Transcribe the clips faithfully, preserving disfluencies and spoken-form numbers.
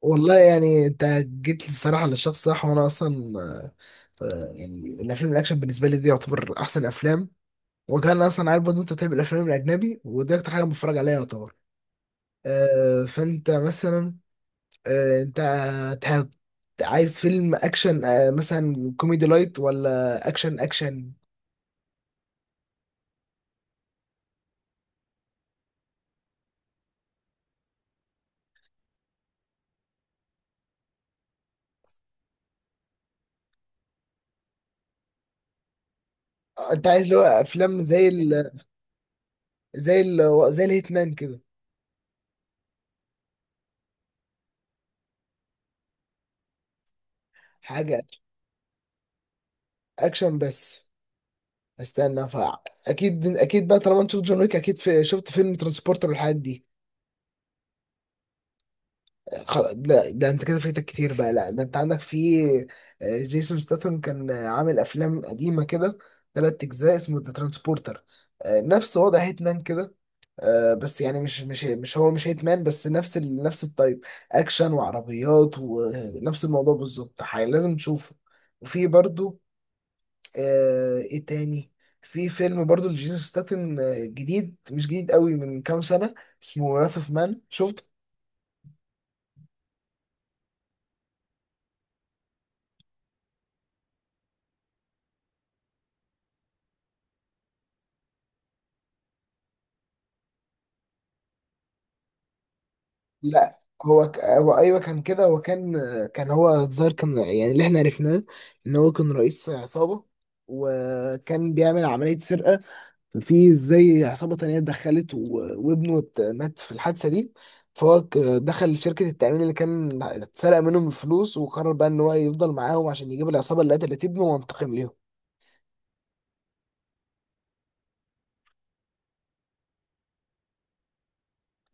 والله يعني انت جيت الصراحه للشخص صح وانا اصلا، آه، يعني الافلام الاكشن بالنسبه لي دي يعتبر احسن افلام. وكان اصلا عارف برضه انت بتحب الافلام الاجنبي ودي اكتر حاجه بتفرج عليها يعتبر. آه، فانت مثلا، آه، انت تح- عايز فيلم اكشن، آه، مثلا كوميدي لايت ولا اكشن اكشن؟ آه، انت عايز اللي هو افلام زي ال زي ال زي الهيتمان كده؟ حاجه اكشن بس. استنى فا اكيد اكيد بقى طالما انت شفت جون ويك، اكيد في... شفت فيلم ترانسبورتر والحاجات دي. خل... لا ده انت كده فايتك كتير بقى، لا ده انت عندك في، آه، جيسون ستاثام كان، آه، عامل افلام قديمه كده، ثلاث اجزاء اسمه ذا ترانسبورتر، نفس وضع هيتمان كده. آه، بس يعني مش مش مش هو مش هيتمان، بس نفس ال... نفس الطيب، اكشن وعربيات ونفس الموضوع بالظبط. حي- لازم تشوفه. وفي برضو، آه، ايه تاني؟ في فيلم برضو لجيسون ستاتن، آه، جديد، مش جديد قوي، من كام سنة، اسمه راث اوف مان، شفت؟ لا، هو ك... هو ايوه كان كده، هو كان، آه، كان هو الظاهر كان، يعني اللي احنا عرفناه ان هو كان رئيس عصابة، وكان بيعمل عملية سرقة، في زي عصابة تانية اتدخلت و... وابنه ات- مات في الحادثة دي. فهو ك- دخل شركة التأمين اللي كان اتسرق منهم الفلوس، وقرر بقى ان هو يفضل معاهم عشان يجيب العصابة اللي قتلت ابنه وينتقم ليهم.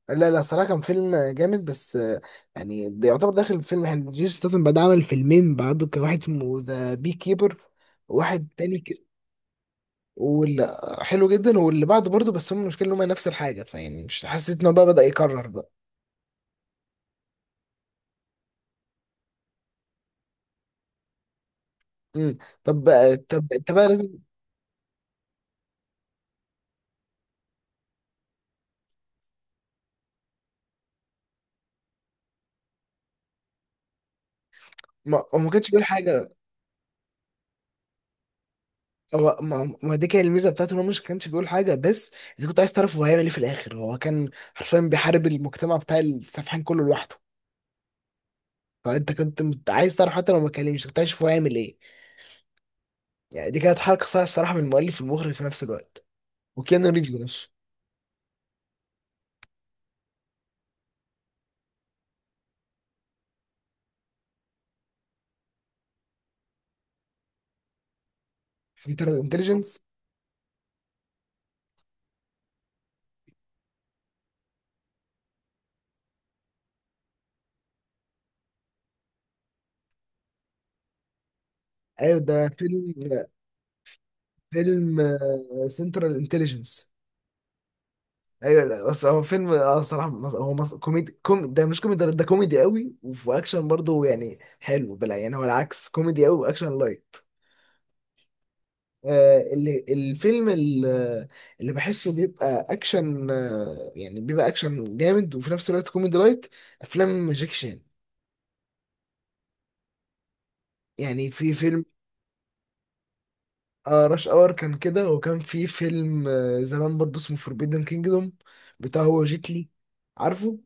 لا لا، صراحة كان فيلم جامد، بس آه، يعني ده يعتبر داخل فيلم حلو. جيسون ستاثام بعد عمل فيلمين بعده، كان واحد اسمه ذا بي كيبر، واحد تاني ك... واللي حلو جدا، واللي بعده برضه، بس هم المشكلة ان هم نفس الحاجة، فيعني مش حسيت ان هو بقى بدأ يكرر بقى. امم، طب بقى طب انت بقى لازم. ما... هو ما كانش بيقول حاجة. هو ما... ما دي كانت الميزة بتاعته ان هو مش كانش بيقول حاجة، بس انت كنت عايز تعرف هو هيعمل ايه في الآخر. هو كان حرفيا بيحارب المجتمع بتاع السفحان كله لوحده. فانت كنت مت- عايز تعرف حتى لو ما اتكلمش، كنت عايز تشوف هو هيعمل ايه. يعني دي كانت حركه صح الصراحه من المؤلف والمخرج في نفس الوقت. وكيانو ريفز يا باشا. سنترال انتليجنس. ايوه ده فيلم. فيلم سنترال انتليجنس. ايوه. لا بس هو فيلم، اه صراحه، مص... هو مص... كوميدي، كوم... ده مش كوميدي، ده ده كوميدي قوي وفي اكشن برضه، يعني حلو. بلا يعني هو العكس، كوميدي قوي واكشن لايت. آه اللي الفيلم اللي, اللي بحسه بيبقى اكشن، آه يعني بيبقى اكشن جامد وفي نفس الوقت كوميدي لايت، افلام جاكي شان. يعني في فيلم. اه راش اور كان كده، وكان في فيلم، آه، زمان برضه اسمه فوربيدن كينجدوم، بتاع هو جيتلي، عارفه؟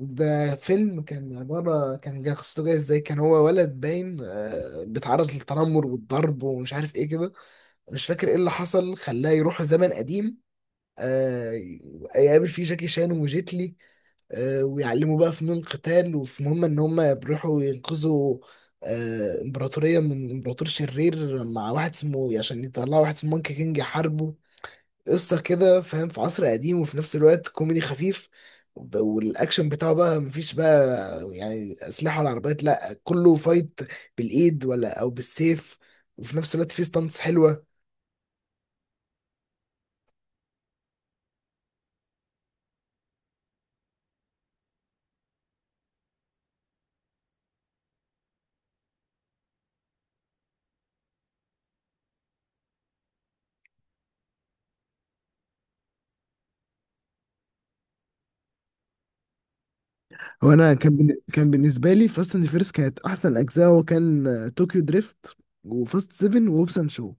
ده فيلم كان عبارة، كان جا- قصته جاية ازاي، كان هو ولد باين، آه، بيتعرض للتنمر والضرب ومش عارف ايه كده، مش فاكر ايه اللي حصل خلاه يروح زمن قديم، آه، يقابل فيه جاكي شان وجيتلي، آه، ويعلموا بقى فنون قتال، وفي مهمة ان هم بيروحوا ينقذوا، آه، امبراطورية من امبراطور شرير مع واحد اسمه إيه، عشان يطلعوا واحد اسمه مونكي كينج يحاربه. قصة كده فاهم في عصر قديم، وفي نفس الوقت كوميدي خفيف. وب- والاكشن بتاعه بقى مفيش بقى يعني اسلحة ولا عربيات، لا كله فايت بالايد ولا او بالسيف، وفي نفس الوقت فيه ستانتس حلوة. وانا كان، بن... كان بالنسبه لي فاست اند فيرس كانت احسن اجزاء هو كان طوكيو دريفت وفاست سبعة ووبسان شو.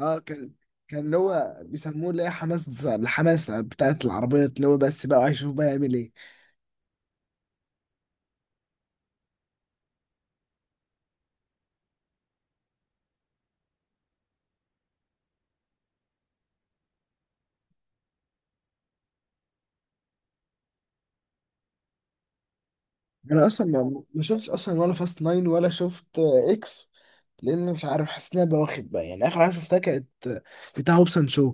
اه كان، كان اللي هو بيسموه اللي هي حماس، الحماسه بتاعت العربيات، اللي هو بس بقى هيشوف بقى يعمل ايه. انا اصلا ما ما شفتش اصلا ولا فاست ناين، ولا شفت، آه، اكس. لان مش عارف حاسس ان انا بواخد بقى، يعني اخر حاجه شفتها كانت، آه، بتاع هوبسون شو.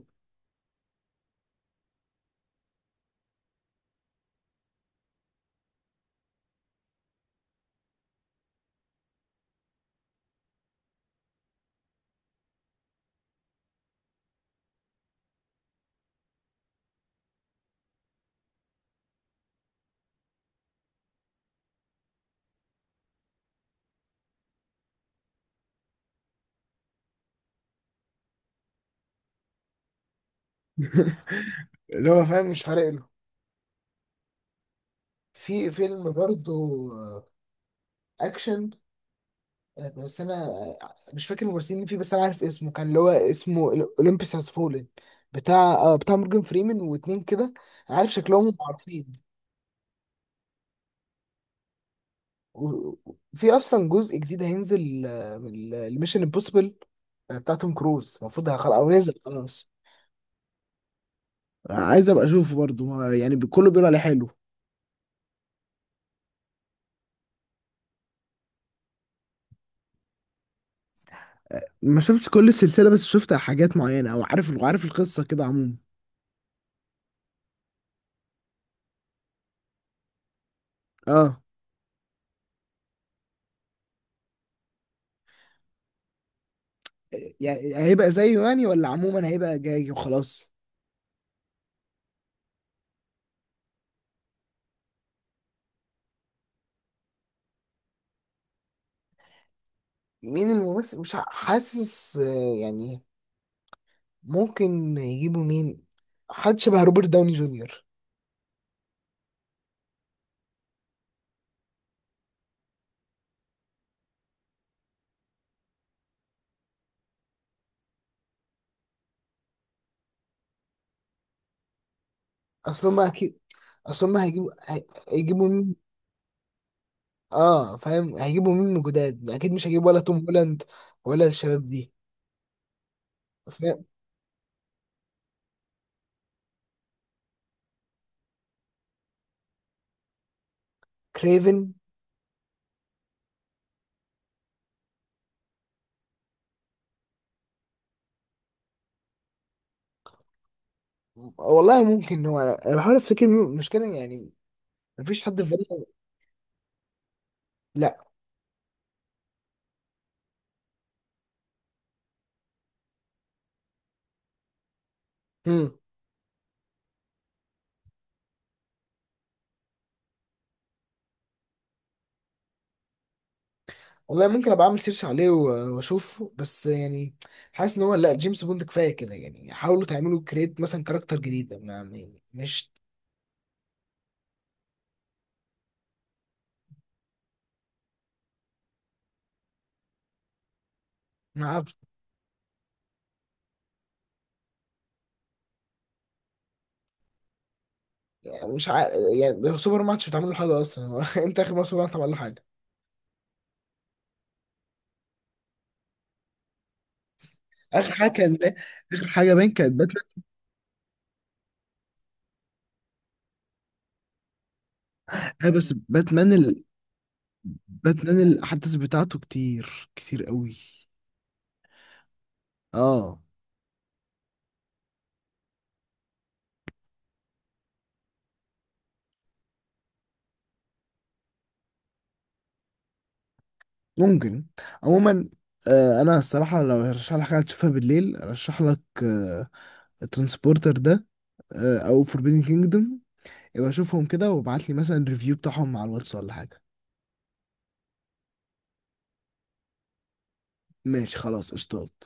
اللي هو فاهم مش فارق له. في فيلم برضه، آه، اكشن، آه، بس انا، آه، مش فاكر الممثلين فيه، بس انا عارف اسمه كان اللي هو اسمه اولمبيس هاز فولن، بتاع، آه، بتاع مورجان فريمان واتنين كده، أنا عارف شكلهم معروفين. و- في اصلا جزء جديد هينزل، آه، من الميشن امبوسيبل بتاع توم كروز، المفروض هيخلق او نازل خلاص. عايز ابقى اشوفه برضه، ما يعني كله بيقول عليه حلو. ما شفتش كل السلسله، بس شفت حاجات معينه، او عارف، عارف القصه كده عموما. اه. يعني هيبقى زيه يعني، ولا عموما هيبقى جاي وخلاص؟ مين الممثل؟ مش ع- حاسس، آه، يعني ممكن يجيبوا مين؟ حد شبه روبرت داوني جونيور. اصل هما اكيد، اصل هما هيجيبوا هي- هيجيبوا مين؟ اه فاهم، هيجيبوا مين من جداد، اكيد مش هيجيب ولا توم هولاند ولا الشباب دي. فاهم. كريفن. والله ممكن هو، انا أنا بحاول افتكر مين- المشكله يعني مفيش حد في بالي. لا. امم. والله ممكن ابقى اعمل سيرش عليه و- واشوفه، بس يعني حاسس ان هو لا، جيمس بوند كفايه كده، يعني حاولوا تعملوا كريت مثلا كاركتر جديد ما ما- مش، ما عارف يعني، مش عارف يعني. سوبر ماتش بتعمل له حاجه اصلا هو؟ امتى اخر مره سوبر ماتش عمل له حاجه؟ اخر حاجه كان ده، اخر حاجه باين كانت باتمان. آه بس باتمان، باتمان الاحداث بتاعته كتير كتير قوي. اه ممكن. عموما، آه انا الصراحه لو هرشح لك حاجه تشوفها بالليل، ارشح لك آه الترانسبورتر ده، آه او فوربيدن كينجدوم. يبقى شوفهم كده وابعت لي مثلا ريفيو بتاعهم على الواتس ولا حاجه. ماشي خلاص قشطات.